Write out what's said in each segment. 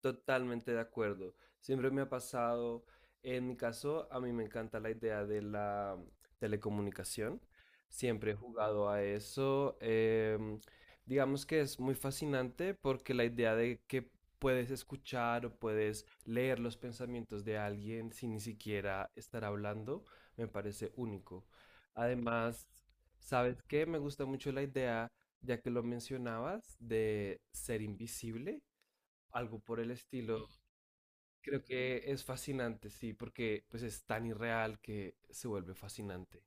Totalmente de acuerdo. Siempre me ha pasado, en mi caso, a mí me encanta la idea de la telecomunicación. Siempre he jugado a eso. Digamos que es muy fascinante porque la idea de que puedes escuchar o puedes leer los pensamientos de alguien sin ni siquiera estar hablando, me parece único. Además, ¿sabes qué? Me gusta mucho la idea, ya que lo mencionabas, de ser invisible algo por el estilo. Creo que es fascinante, sí, porque pues es tan irreal que se vuelve fascinante.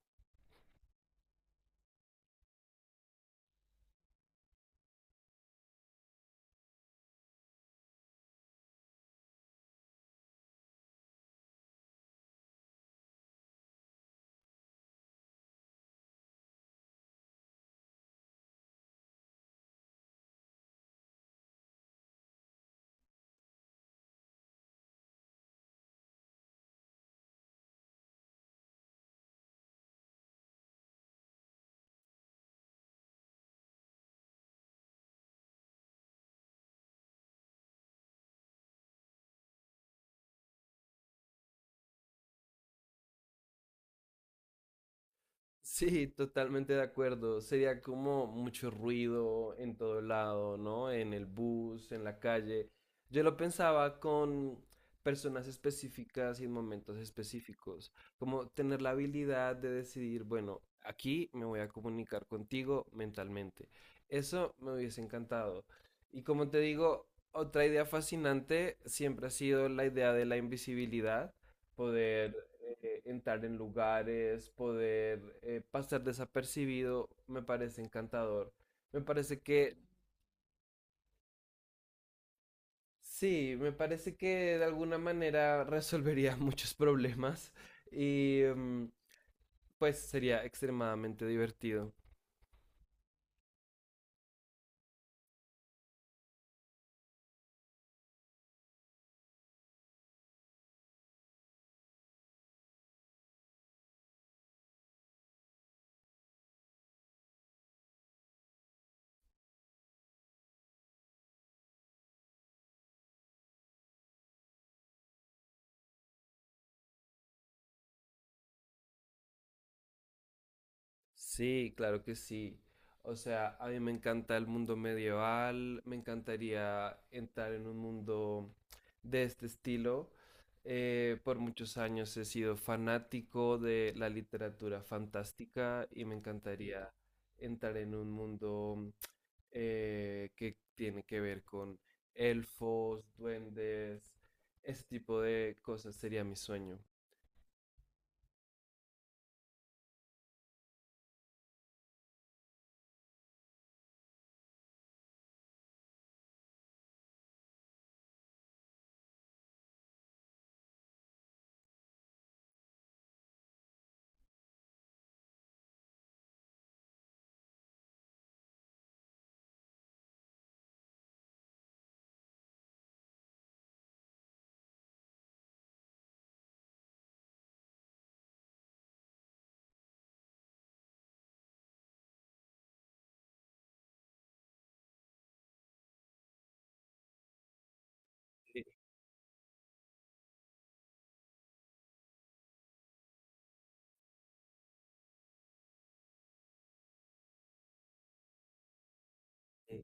Sí, totalmente de acuerdo. Sería como mucho ruido en todo lado, ¿no? En el bus, en la calle. Yo lo pensaba con personas específicas y en momentos específicos, como tener la habilidad de decidir, bueno, aquí me voy a comunicar contigo mentalmente. Eso me hubiese encantado. Y como te digo, otra idea fascinante siempre ha sido la idea de la invisibilidad, poder entrar en lugares, poder pasar desapercibido, me parece encantador. Me parece que, sí, me parece que de alguna manera resolvería muchos problemas y pues sería extremadamente divertido. Sí, claro que sí. O sea, a mí me encanta el mundo medieval, me encantaría entrar en un mundo de este estilo. Por muchos años he sido fanático de la literatura fantástica y me encantaría entrar en un mundo que tiene que ver con elfos, duendes, ese tipo de cosas sería mi sueño. Sí.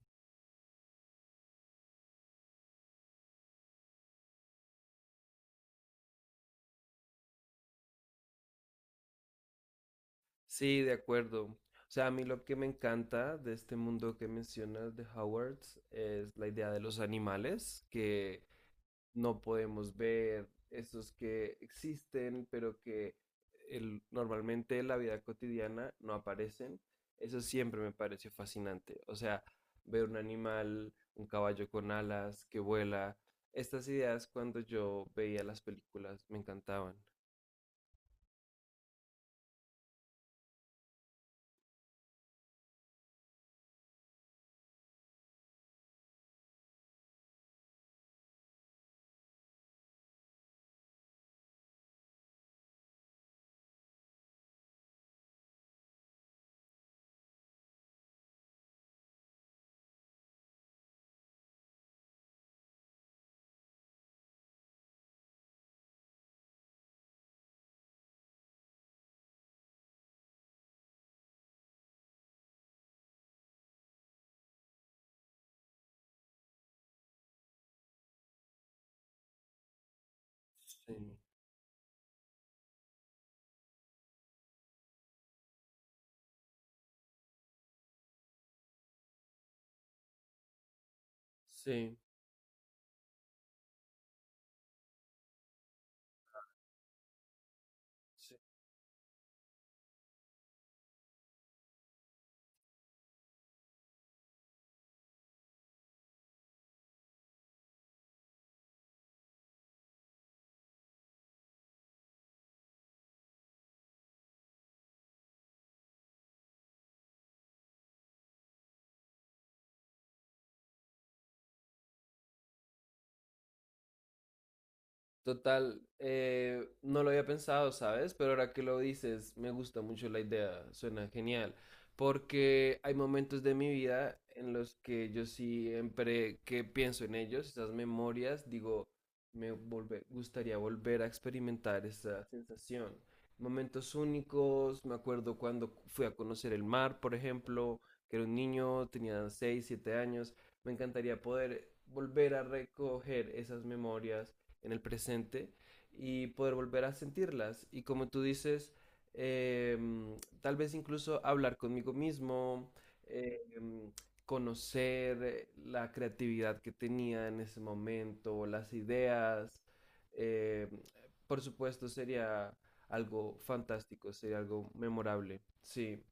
Sí, de acuerdo. O sea, a mí lo que me encanta de este mundo que mencionas de Howards es la idea de los animales que no podemos ver, esos que existen, pero que normalmente en la vida cotidiana no aparecen. Eso siempre me pareció fascinante. O sea, ver un animal, un caballo con alas que vuela. Estas ideas cuando yo veía las películas me encantaban. Sí, sí. Total, no lo había pensado, ¿sabes? Pero ahora que lo dices, me gusta mucho la idea, suena genial, porque hay momentos de mi vida en los que yo siempre que pienso en ellos, esas memorias, digo, gustaría volver a experimentar esa sensación. Momentos únicos, me acuerdo cuando fui a conocer el mar, por ejemplo, que era un niño, tenía 6, 7 años, me encantaría poder volver a recoger esas memorias en el presente y poder volver a sentirlas. Y como tú dices, eh, tal vez incluso hablar conmigo mismo, eh, conocer la creatividad que tenía en ese momento, las ideas, eh, por supuesto sería algo fantástico, sería algo memorable. Sí.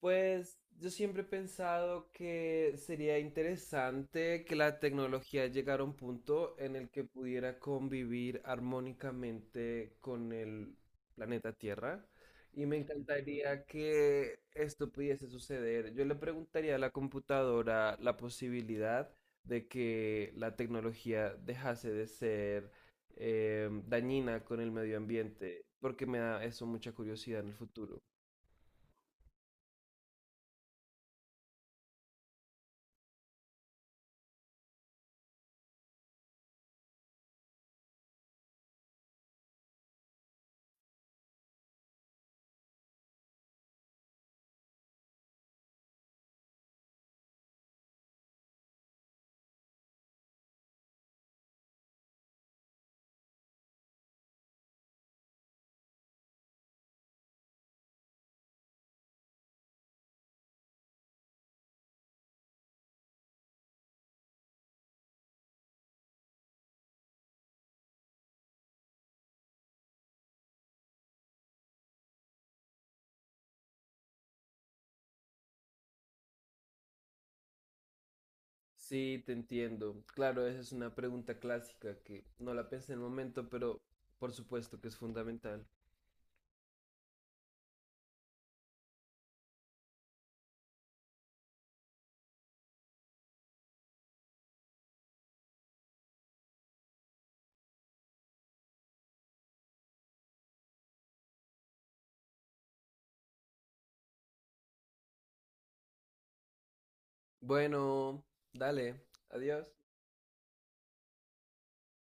Pues yo siempre he pensado que sería interesante que la tecnología llegara a un punto en el que pudiera convivir armónicamente con el planeta Tierra y me encantaría que esto pudiese suceder. Yo le preguntaría a la computadora la posibilidad de que la tecnología dejase de ser dañina con el medio ambiente, porque me da eso mucha curiosidad en el futuro. Sí, te entiendo. Claro, esa es una pregunta clásica que no la pensé en el momento, pero por supuesto que es fundamental. Bueno, dale, adiós.